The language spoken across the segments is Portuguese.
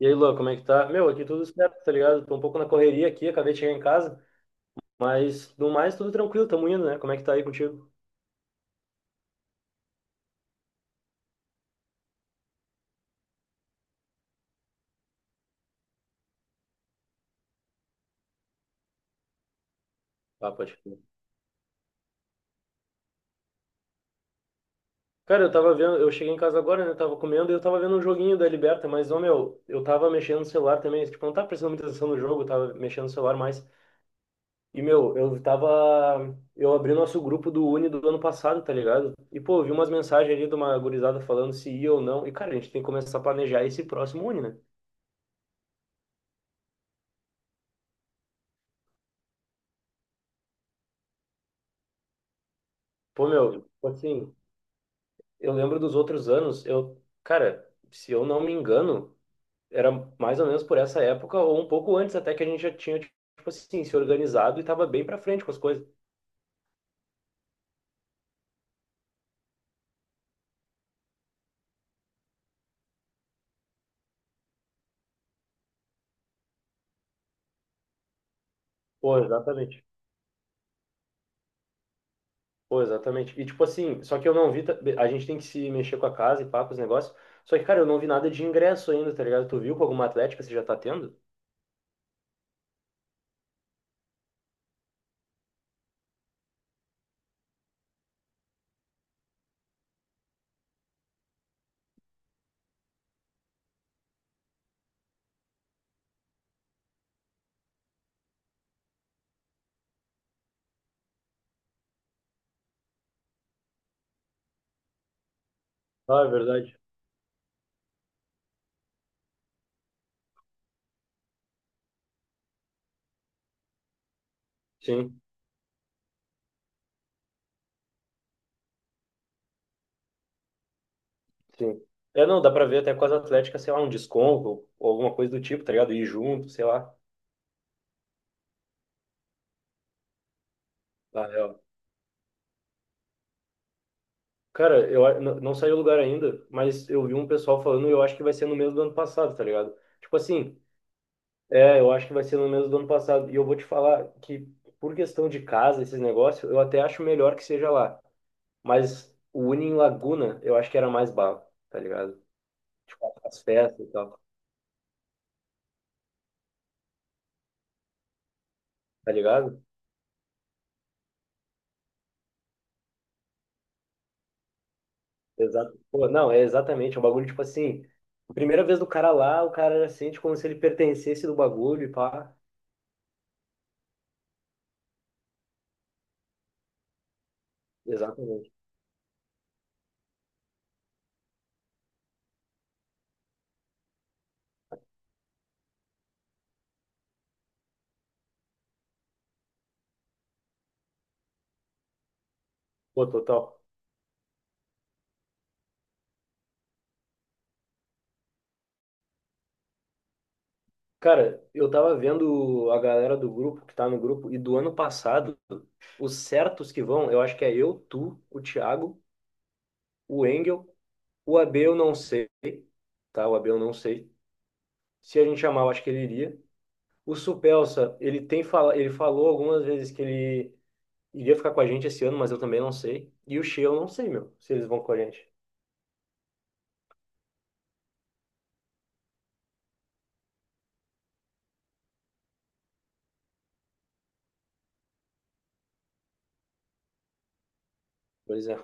E aí, Luan, como é que tá? Meu, aqui tudo certo, tá ligado? Tô um pouco na correria aqui, acabei de chegar em casa, mas no mais tudo tranquilo, tamo indo, né? Como é que tá aí contigo? Ah, pode crer. Cara, eu tava vendo, eu cheguei em casa agora, né? Tava comendo e eu tava vendo um joguinho da Liberta, mas, ô, meu, eu tava mexendo no celular também, tipo, não tava prestando muita atenção no jogo, eu tava mexendo no celular mais. E, meu, eu tava. Eu abri nosso grupo do Uni do ano passado, tá ligado? E, pô, eu vi umas mensagens ali de uma gurizada falando se ia ou não. E, cara, a gente tem que começar a planejar esse próximo Uni, né? Pô, meu, tipo assim. Eu lembro dos outros anos, eu, cara, se eu não me engano, era mais ou menos por essa época ou um pouco antes até que a gente já tinha, tipo assim, se organizado e tava bem pra frente com as coisas. Pô, exatamente. Pô, exatamente. E tipo assim, só que eu não vi, a gente tem que se mexer com a casa e pá, com os negócios. Só que, cara, eu não vi nada de ingresso ainda, tá ligado? Tu viu com alguma atlética você já tá tendo? Ah, é verdade. Sim, sim. É, não, dá pra ver até com as atléticas, sei lá, um desconto ou alguma coisa do tipo, tá ligado? Ir junto, sei lá. Ah, é, cara, não saiu o lugar ainda, mas eu vi um pessoal falando e eu acho que vai ser no mesmo do ano passado, tá ligado? Tipo assim, é, eu acho que vai ser no mesmo do ano passado. E eu vou te falar que, por questão de casa, esses negócios, eu até acho melhor que seja lá. Mas o Uni em Laguna, eu acho que era mais bala, tá ligado? Tipo, as festas e tal, tá ligado? Exato. Pô, não, é exatamente, é um bagulho, tipo assim, primeira vez do cara lá, o cara já sente como se ele pertencesse do bagulho e pá. Exatamente. Pô, total. Cara, eu tava vendo a galera do grupo, que tá no grupo, e do ano passado, os certos que vão, eu acho que é eu, tu, o Thiago, o Engel, o AB eu não sei, tá? O AB eu não sei. Se a gente chamar, eu acho que ele iria. O Supelsa, ele falou algumas vezes que ele iria ficar com a gente esse ano, mas eu também não sei. E o Shea eu não sei, meu, se eles vão com a gente. Pois é,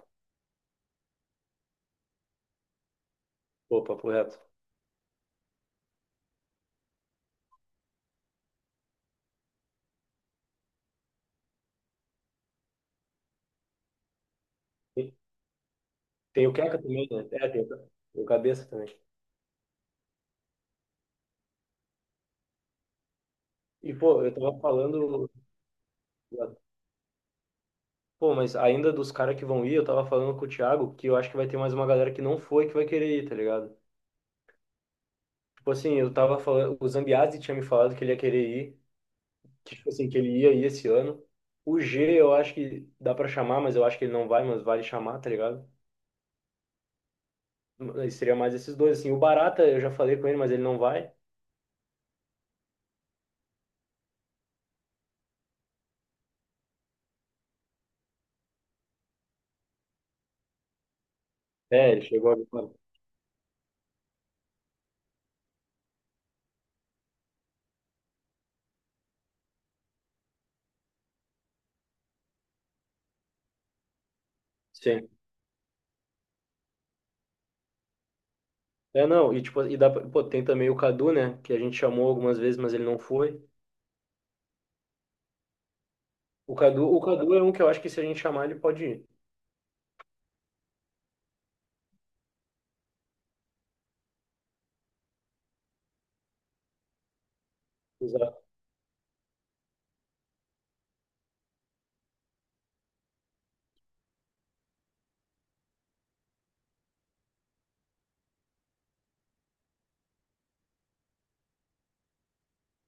pô, papo reto. Tem tem o Keka também, né? É, tem o Cabeça também. E, pô, eu tava falando. Pô, mas ainda dos caras que vão ir, eu tava falando com o Thiago que eu acho que vai ter mais uma galera que não foi que vai querer ir, tá ligado? Tipo assim, eu tava falando, o Zambiasi tinha me falado que ele ia querer ir, que tipo assim, que ele ia ir esse ano. O G, eu acho que dá pra chamar, mas eu acho que ele não vai, mas vale chamar, tá ligado? Mas seria mais esses dois, assim. O Barata, eu já falei com ele, mas ele não vai. É, ele chegou agora. Sim. É, não, e tipo, e dá pra, pô, tem também o Cadu, né, que a gente chamou algumas vezes, mas ele não foi. O Cadu é um que eu acho que se a gente chamar, ele pode ir. Exato.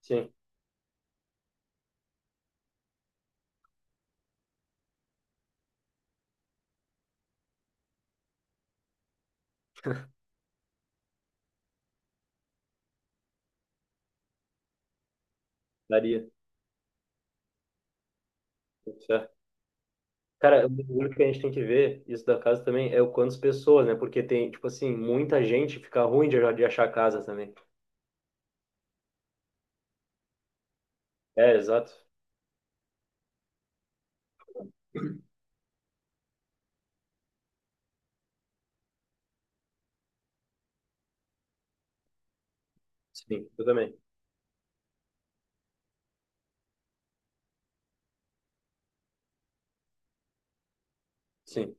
Sim. Daria, tudo certo. Cara, o bagulho que a gente tem que ver, isso da casa também, é o quantas pessoas, né? Porque tem, tipo assim, muita gente fica ruim de achar casa também. É, exato. Sim, eu também. Sim.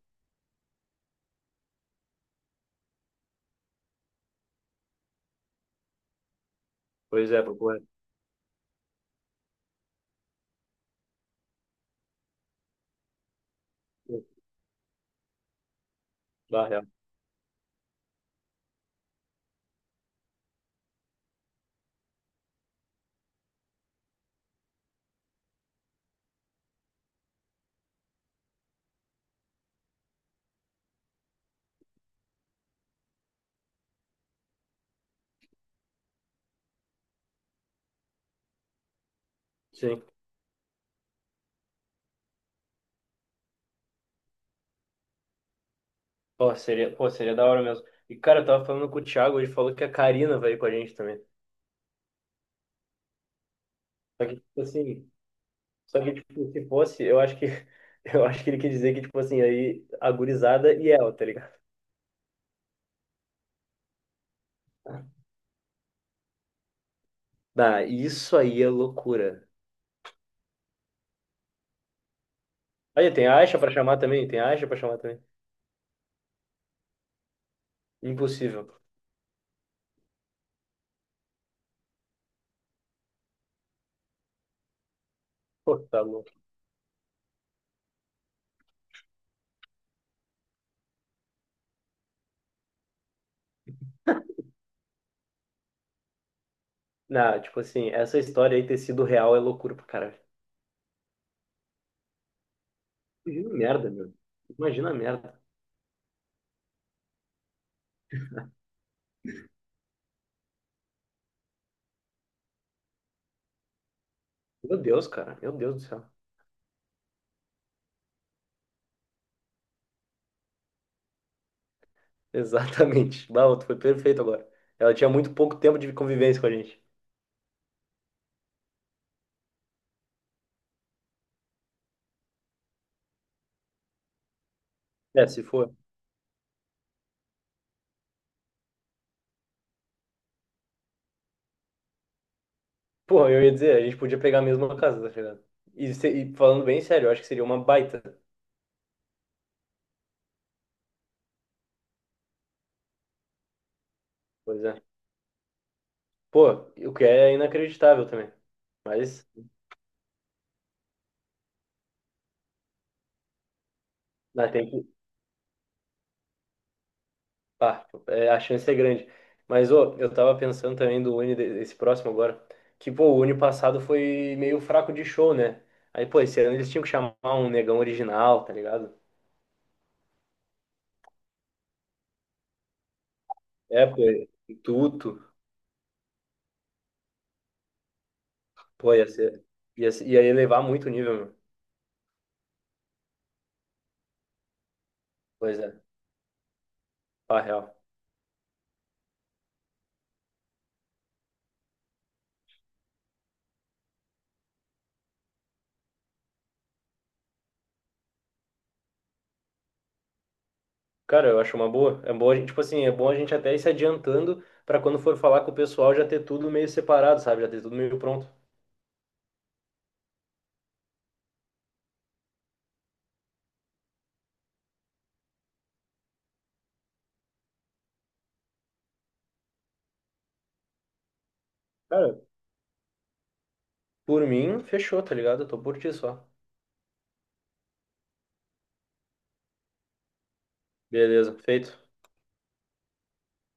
Pois é, pô, é. Bah, real. Sim. Pô, seria da hora mesmo. E, cara, eu tava falando com o Thiago, ele falou que a Karina vai ir com a gente também. Só que, tipo assim, só que, tipo, se fosse, eu acho que, eu acho que ele quer dizer que, tipo assim, aí, a gurizada e ela, tá ligado? Ah, isso aí é loucura. Aí tem Aisha pra chamar também, tem Aisha pra chamar também. Impossível. Pô, tá louco. Não, tipo assim, essa história aí ter sido real é loucura pro cara. Imagina a merda, meu. Imagina a merda. Meu Deus, cara. Meu Deus do céu. Exatamente. Bah, tu foi perfeito agora. Ela tinha muito pouco tempo de convivência com a gente. É, se for. Pô, eu ia dizer, a gente podia pegar a mesma casa, tá chegando. E, e falando bem sério, eu acho que seria uma baita. Pois é. Pô, o que é inacreditável também. Mas, né, pá, é, a chance é grande. Mas, ô, eu tava pensando também do Uni, esse próximo agora, que, pô, o Uni passado foi meio fraco de show, né? Aí, pô, esse ano eles tinham que chamar um negão original, tá ligado? É, pô, tudo. Pô, ia ser, ia elevar muito o nível, meu. Pois é, pá, real. Cara, eu acho uma boa. É bom a gente, tipo assim, é bom a gente até ir se adiantando pra quando for falar com o pessoal já ter tudo meio separado, sabe? Já ter tudo meio pronto. Cara, por mim, fechou, tá ligado? Eu tô por ti só. Beleza, feito.